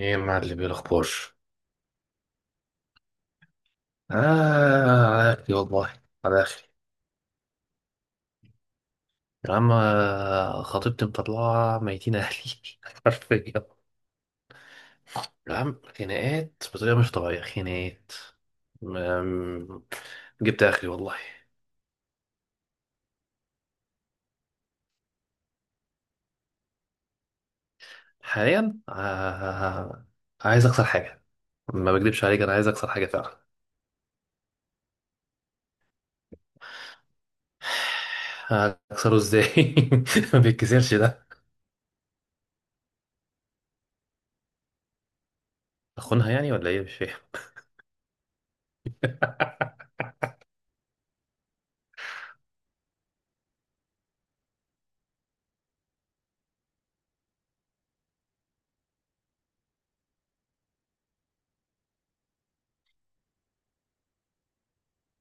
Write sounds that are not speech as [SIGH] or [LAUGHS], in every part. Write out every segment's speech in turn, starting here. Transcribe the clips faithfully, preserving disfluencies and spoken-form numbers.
ايه يا معلم، ايه الاخبار؟ اه. على اخري والله، على اخري. يا عم، آه، خطيبتي مطلعه ميتين اهلي. [LAUGHS] حرفيا. يا عم، خناقات بطريقه مش طبيعيه، خناقات. أم، جبت اخري والله. حاليا. آه عايز اكسر حاجه. ما بكدبش عليك، انا عايز اكسر حاجه فعلا. [SIGHS] اكسره ازاي؟ [LAUGHS] ما بيتكسرش ده. اخونها يعني ولا ايه؟ مش فاهم. [LAUGHS]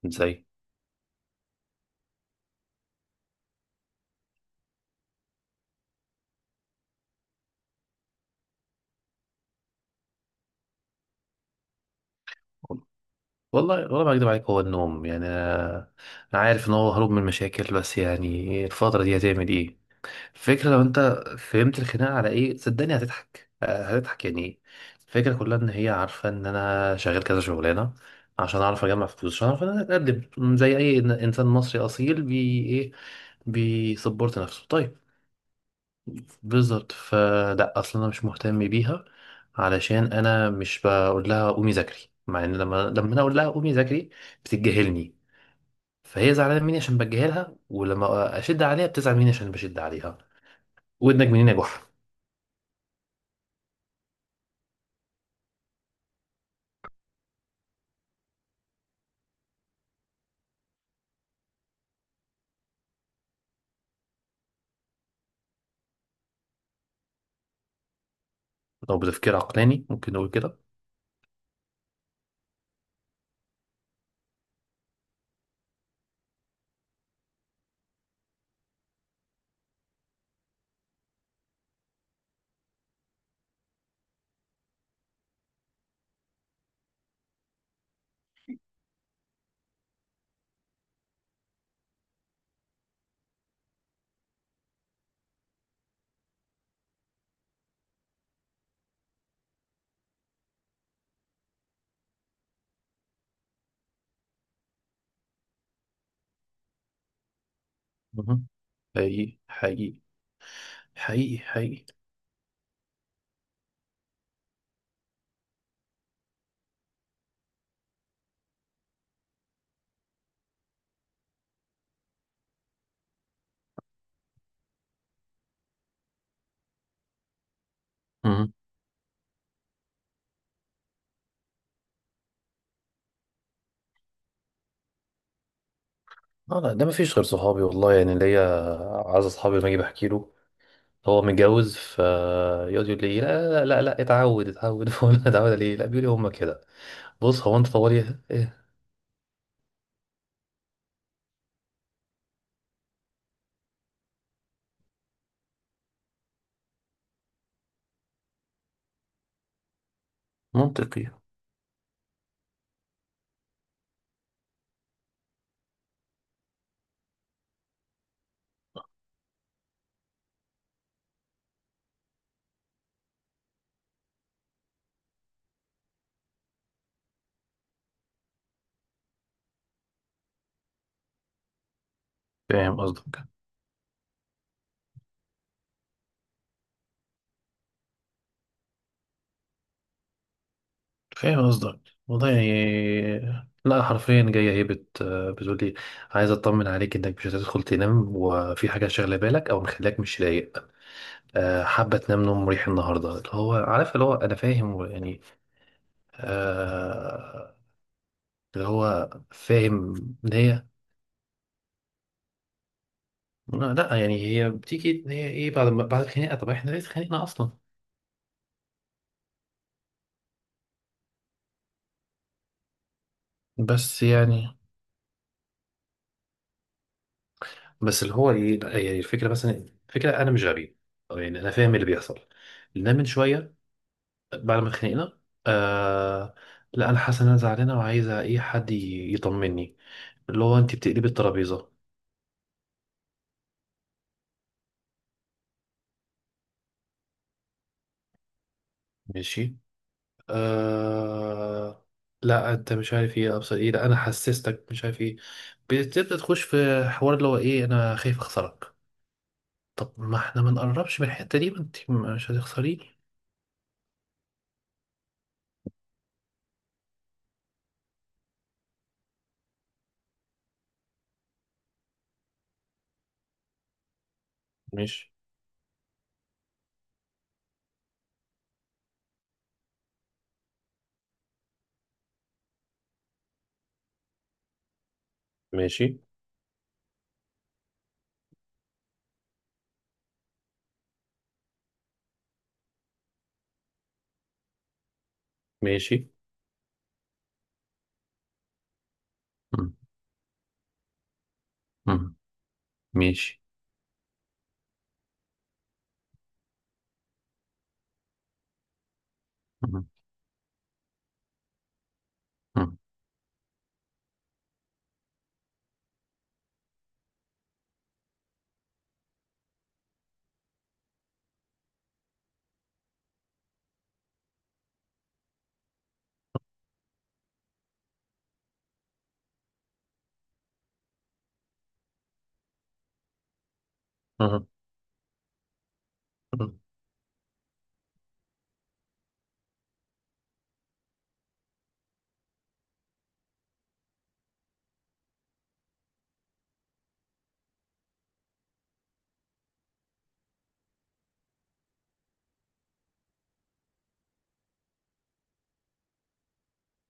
ازاي؟ والله والله ما اكدب عليك، هو النوم يعني. انا أنا عارف ان هو هروب من المشاكل، بس يعني الفتره دي هتعمل ايه؟ الفكره، لو انت فهمت الخناقه على ايه صدقني هتضحك. آه، هتضحك يعني ايه؟ الفكره كلها ان هي عارفه ان انا شغال كذا شغلانه، عشان اعرف اجمع فلوس، عشان اعرف ان انا اتقدم زي اي إن- انسان مصري اصيل بي ايه، بيسبورت نفسه. طيب، بالظبط. فلا اصلا انا مش مهتم بيها، علشان انا مش بقول لها قومي ذاكري. مع ان لما لما انا اقول لها قومي ذاكري بتتجاهلني. فهي زعلانه مني عشان بتجاهلها، ولما اشد عليها بتزعل مني عشان بشد عليها. ودنك منين يا جحا؟ لو بتفكير عقلاني ممكن نقول كده. مهم. حقيقي حقيقي. حقيقي حقيقي. مهم. اه، لا ده مفيش غير صحابي والله يعني ليا. عايز اصحابي، لما اجي بحكي له هو متجوز فيقعد يقول لي لا لا لا لا، اتعود اتعود [LAUGHS] فاقول له اتعود عليه؟ لا، بيقول لي هما كده. بص هو انت طوالي ايه؟ منطقي. فاهم قصدك. فاهم قصدك. والله يعني. لا حرفيا جايه هي بت بتقول لي عايز اطمن عليك انك مش هتدخل تنام وفي حاجه شاغله بالك او مخليك مش رايق. آه، حابه تنام نوم مريح النهارده، اللي هو عارف، اللي هو انا فاهم يعني. آه، اللي هو فاهم ان هي. لا لا، يعني هي بتيجي إن هي ايه؟ بعد ما بعد الخناقه طب احنا ليه اتخانقنا اصلا؟ بس يعني، بس اللي هو ايه، لا، يعني الفكره مثلا. الفكره انا مش غبي، أو يعني انا فاهم اللي بيحصل. لان من شويه بعد ما اتخانقنا، آه لا انا حاسه ان انا زعلانه وعايزه ايه حد ي- يطمني. اللي هو انت بتقلبي الترابيزه. ماشي. آه لا انت مش عارف ايه ابصر ايه، لا انا حسستك مش عارف ايه. بتبدا تخش في حوار اللي هو ايه انا خايف اخسرك. طب ما احنا ما نقربش من الحتة دي، ما انت مش هتخسريني. ماشي. ماشي. ماشي. مم. مم. ماشي. مم. مم. مم. مم.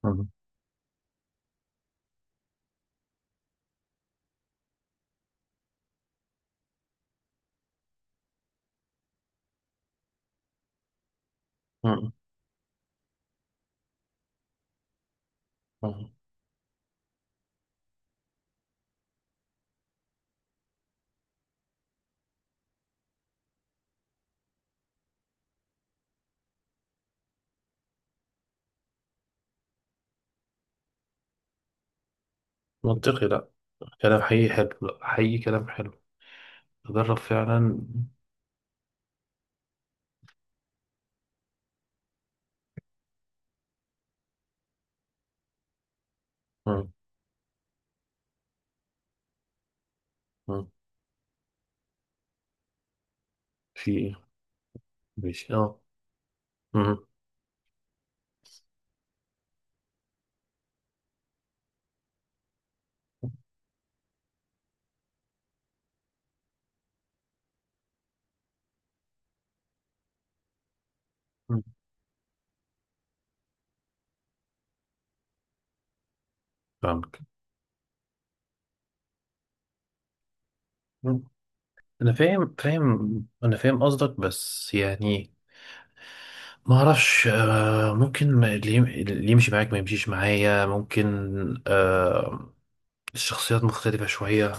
مم. مم. مم. منطقي، لا. كلام حقيقي حلو، لا حقيقي كلام حلو. تدرب فعلا. مم. مم. في ايه؟ ماشي، اه. مم. مم. فاهمك. مم. انا فاهم فاهم انا فاهم قصدك، بس يعني ما اعرفش. آه ممكن ما- اللي يم- اللي يمشي معاك ما يمشيش معايا، ممكن. آه الشخصيات مختلفة شوية.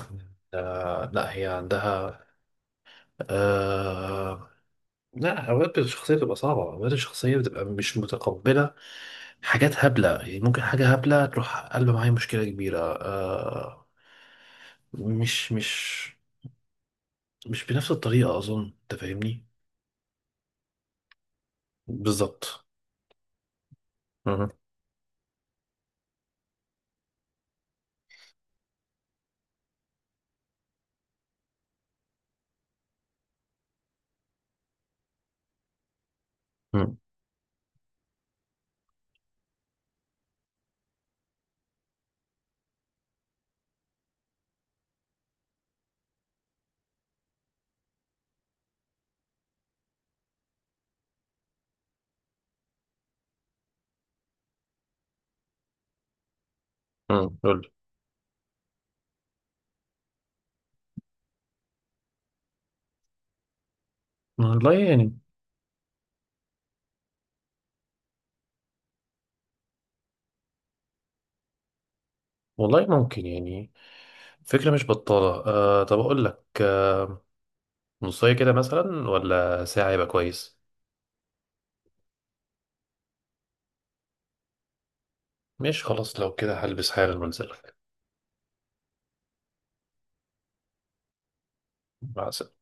آه لا هي عندها. آه لا أوقات الشخصية بتبقى صعبة، أوقات الشخصية بتبقى مش متقبلة. حاجات هبلة يعني، ممكن حاجة هبلة تروح قلب معايا مشكلة كبيرة. آه مش مش مش بنفس الطريقة، أظن أنت فاهمني. بالظبط. مهم. مم. مم. قول لي. والله يعني. والله ممكن يعني. فكرة مش بطالة. آه طب أقول لك. آه نصاية كده مثلا، ولا ساعة يبقى كويس؟ ماشي، خلاص لو كده هلبس حالا وانزلك. مع السلامة.